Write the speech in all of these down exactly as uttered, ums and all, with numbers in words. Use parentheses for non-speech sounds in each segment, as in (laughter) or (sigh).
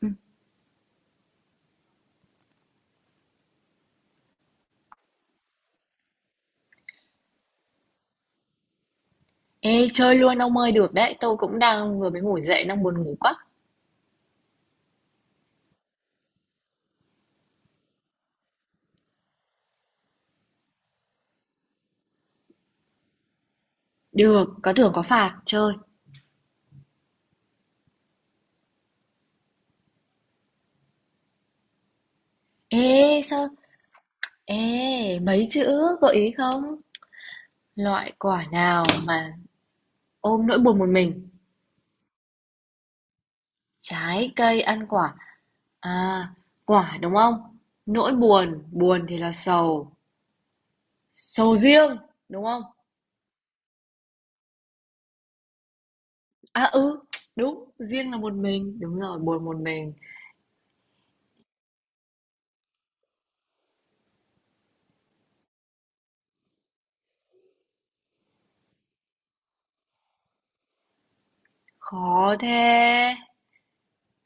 Ừ. Ê, chơi luôn ông ơi, được đấy. Tôi cũng đang vừa mới ngủ dậy. Đang buồn ngủ quá. Được, có thưởng có phạt chơi. Ê sao Ê mấy chữ gợi ý không? Loại quả nào mà ôm nỗi buồn một mình? Trái cây ăn quả? À, quả đúng không? Nỗi buồn. Buồn thì là sầu. Sầu riêng đúng không? À ừ, đúng. Riêng là một mình. Đúng rồi, buồn một mình. Khó thế.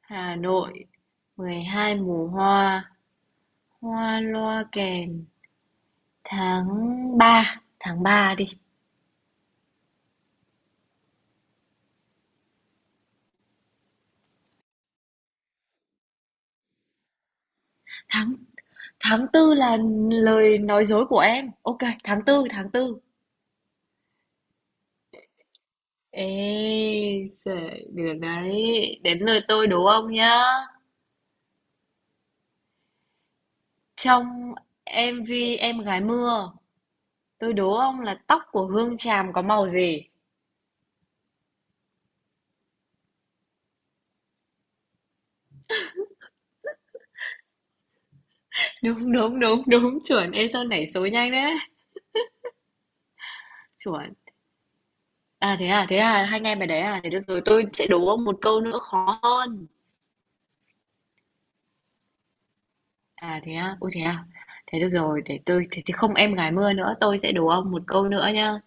Hà Nội mười hai mùa hoa. Hoa loa kèn, tháng ba tháng ba đi. Tháng tháng tư là lời nói dối của em. Ok, tháng tư, tháng tư. Ê, giời, được đấy. Đến lượt tôi đố ông nhá. Trong em vi Em gái mưa, tôi đố ông là tóc của Hương Tràm có màu gì? Đúng, đúng, đúng, đúng, chuẩn. Ê, sao nảy số nhanh đấy. Chuẩn. À thế à, thế à, hai anh em bài đấy à, thế được rồi, tôi sẽ đố ông một câu nữa khó hơn. À thế á, ôi thế à. Thế được rồi, để tôi thế thì không em gái mưa nữa, tôi sẽ đố ông một câu nữa nhá.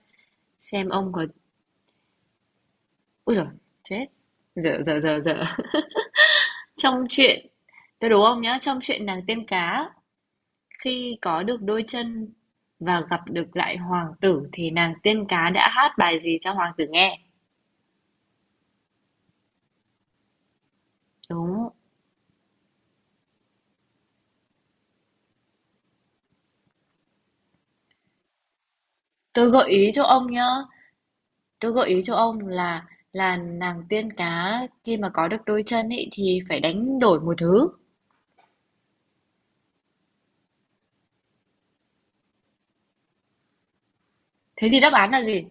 Xem ông có Úi, rồi chết. Dở dở dở dở. (laughs) Trong chuyện Tôi đố ông nhá, trong chuyện nàng tiên cá khi có được đôi chân và gặp được lại hoàng tử thì nàng tiên cá đã hát bài gì cho hoàng tử nghe? Đúng. Tôi gợi ý cho ông nhá. Tôi gợi ý cho ông là là nàng tiên cá khi mà có được đôi chân ấy thì phải đánh đổi một thứ. Thế thì đáp án là gì?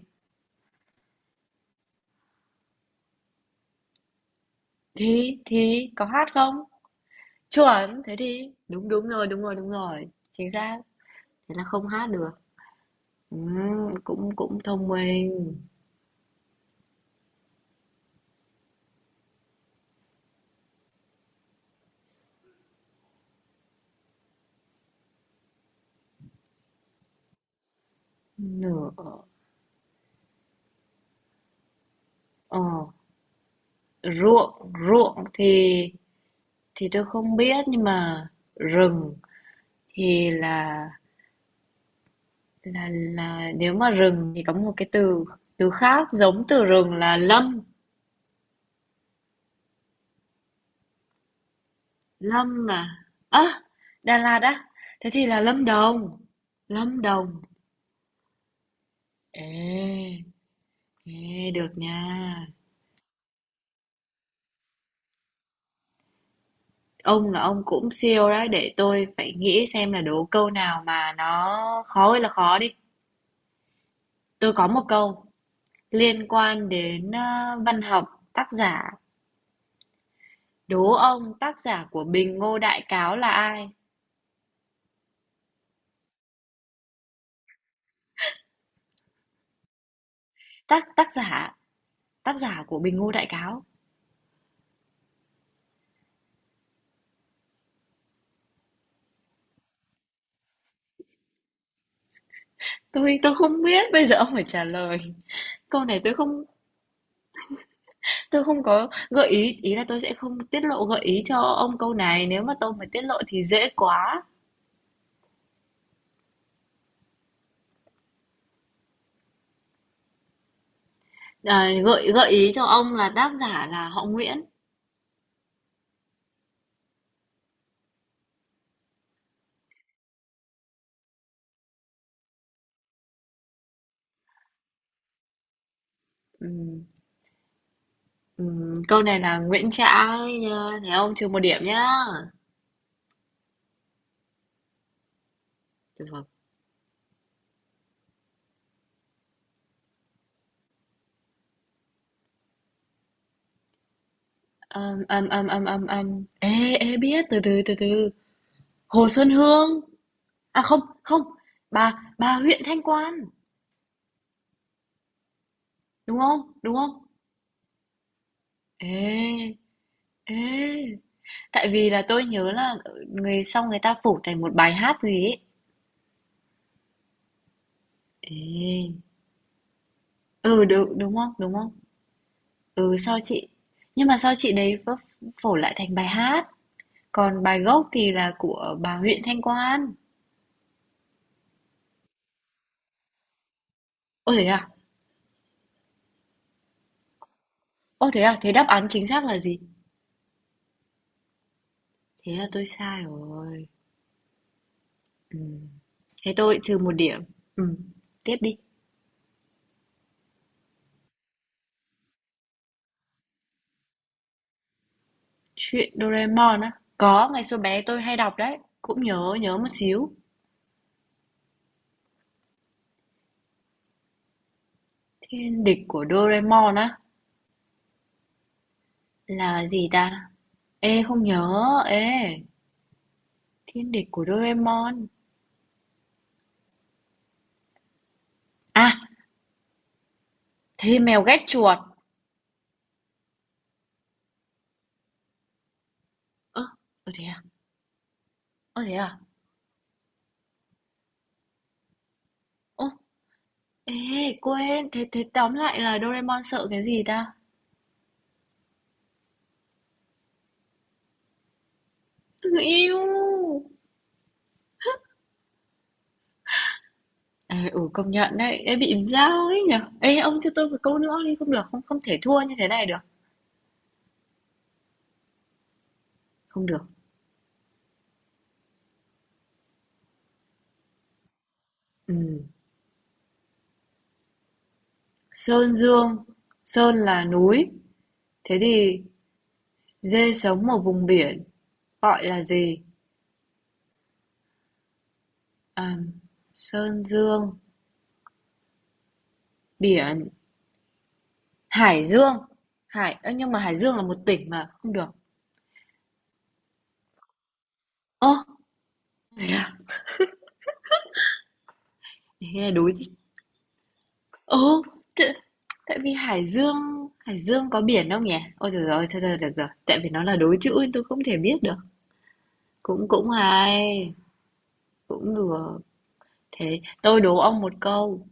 Thì thì có hát không? Chuẩn, thế thì đúng đúng rồi, đúng rồi, đúng rồi. Chính xác. Thế là không hát được. Ừm, cũng cũng thông minh. Nửa, ờ ruộng, ruộng thì thì tôi không biết, nhưng mà rừng thì là là là nếu mà rừng thì có một cái từ từ khác, giống từ rừng là lâm. Lâm mà. À, Đà Lạt á. Thế thì là Lâm Đồng. Lâm Đồng. Ê. Ê, được nha. Ông là ông cũng siêu đấy, để tôi phải nghĩ xem là đố câu nào mà nó khó hay là khó đi. Tôi có một câu liên quan đến ờ, văn học, tác giả. Đố ông tác giả của Bình Ngô Đại Cáo là ai? Tác tác giả, tác giả của Bình Ngô Đại Cáo. Tôi tôi không biết, bây giờ ông phải trả lời. Câu này tôi không tôi không có gợi ý, ý là tôi sẽ không tiết lộ gợi ý cho ông câu này, nếu mà tôi mà tiết lộ thì dễ quá. À, gợi gợi ý cho ông là tác giả là họ Nguyễn. Ừm, ừm, câu này là Nguyễn Trãi nha, thấy không? Trừ một điểm nhá. Được. Âm âm âm âm âm âm. Ê ê biết, từ từ từ từ. Hồ Xuân Hương. À không, không. Bà bà huyện Thanh Quan, đúng không? Đúng không? Ê, ê. Tại vì là tôi nhớ là người, xong người ta phủ thành một bài hát gì ấy. Ê. Ừ, đúng, đúng không? Đúng không? Ừ, sao chị? Nhưng mà sao chị đấy vấp phổ lại thành bài hát? Còn bài gốc thì là của bà huyện Thanh Quan. Ô thế à? Ô thế à? Thế đáp án chính xác là gì? Thế là tôi sai rồi. Ừ. Thế tôi trừ một điểm. Ừ. Tiếp đi. Chuyện Doraemon á. Có, ngày xưa bé tôi hay đọc đấy. Cũng nhớ, nhớ một xíu. Thiên địch của Doraemon á. Là gì ta? Ê, không nhớ. Ê, thiên địch của Doraemon. À, thế mèo ghét chuột. Ơ, ừ, thế à? Ơ, thế à? Ô, ê, quên, thế thế tóm lại là Doraemon sợ cái gì ta? Người yêu! Ờ, ừ, công nhận đấy, em bị dao ấy nhở? Ê, ông cho tôi một câu nữa đi, không được, không không thể thua như thế này được. Không được. Ừ. Sơn Dương, Sơn là núi. Thế thì dê sống ở vùng biển, gọi là gì? À, Sơn Dương, biển, Hải Dương. Hải, ơ, nhưng mà Hải Dương là một tỉnh mà, không được. Ơ, thế à? Thế là đối chứ. Ồ, t- tại vì Hải Dương, Hải Dương có biển không nhỉ? Ôi trời ơi, thôi thôi được rồi, tại vì nó là đối chữ nên tôi không thể biết được. Cũng cũng hay, cũng được. Thế tôi đố ông một câu.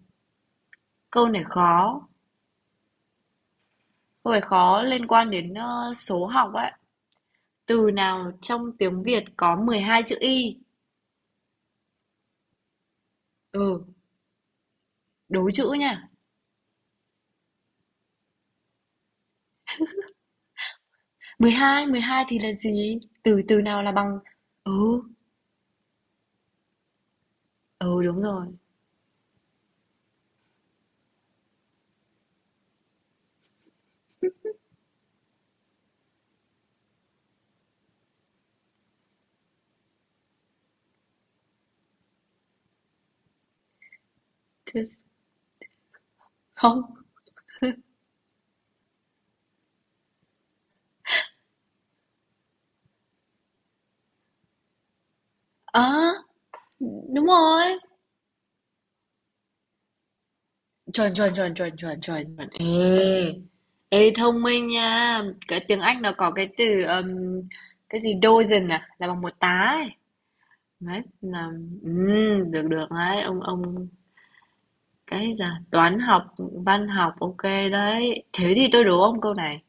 Câu này khó, câu này khó liên quan đến ờ, số học ấy. Từ nào trong tiếng Việt có mười hai chữ y? Ừ, đố chữ nha. mười hai mười hai thì là gì? Từ từ nào là bằng. Ừ, ừ, đúng rồi. Thế- Không. À, đúng rồi. Chuẩn, chuẩn, chuẩn, chuẩn, chuẩn, chuẩn, chuẩn. Ê, ê thông minh nha. Cái tiếng Anh nó có cái từ um, cái gì dozen à, là bằng một tá ấy. Đấy, là ừm, được được đấy, ông ông cái gì à? Toán học, văn học, ok đấy. Thế thì tôi đố ông câu này.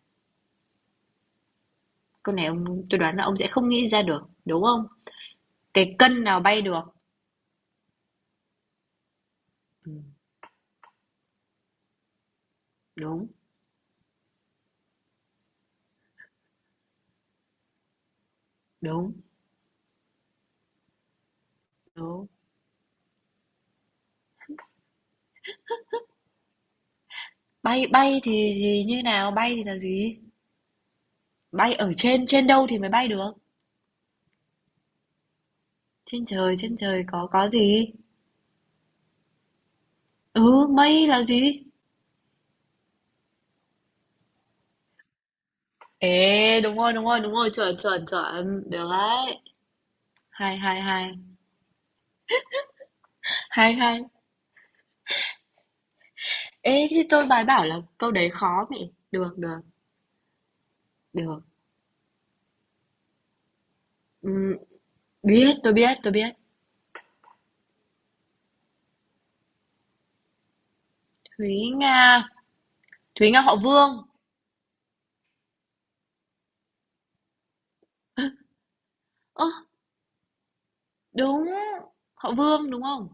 Câu này ông, tôi đoán là ông sẽ không nghĩ ra được, đúng không? Cái cân nào bay được? Ừ, đúng, đúng, đúng. Bay bay thì thì như nào? Bay thì là gì? Bay ở trên trên đâu thì mới bay được? Trên trời, trên trời có có gì? Ừ, mây là gì? Ê, đúng rồi, đúng rồi, đúng rồi, chuẩn, chuẩn, chuẩn, được đấy. Hay, hay, hay, hay, hay. Ê, thì tôi bài bảo là câu đấy khó mẹ. Được, được, được. Ừm, biết, tôi biết, tôi biết. Thúy Nga, Thúy Nga họ Vương. Ơ, đúng, họ Vương đúng không?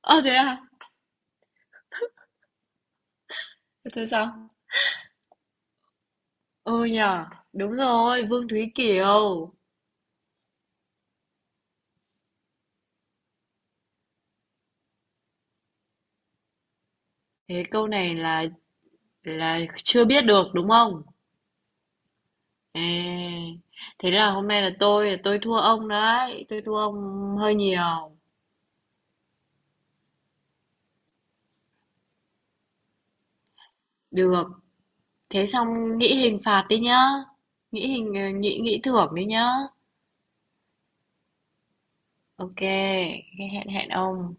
Ờ, thế à? Thế sao? Ừ nhờ, đúng rồi, Vương Thúy Kiều. Thế câu này là là chưa biết được đúng không? À, thế là hôm nay là tôi tôi thua ông đấy, tôi thua ông hơi nhiều. Được, thế xong nghĩ hình phạt đi nhá. Nghĩ hình ờ, nghĩ nghĩ thưởng đi nhá. Ok, hẹn hẹn ông.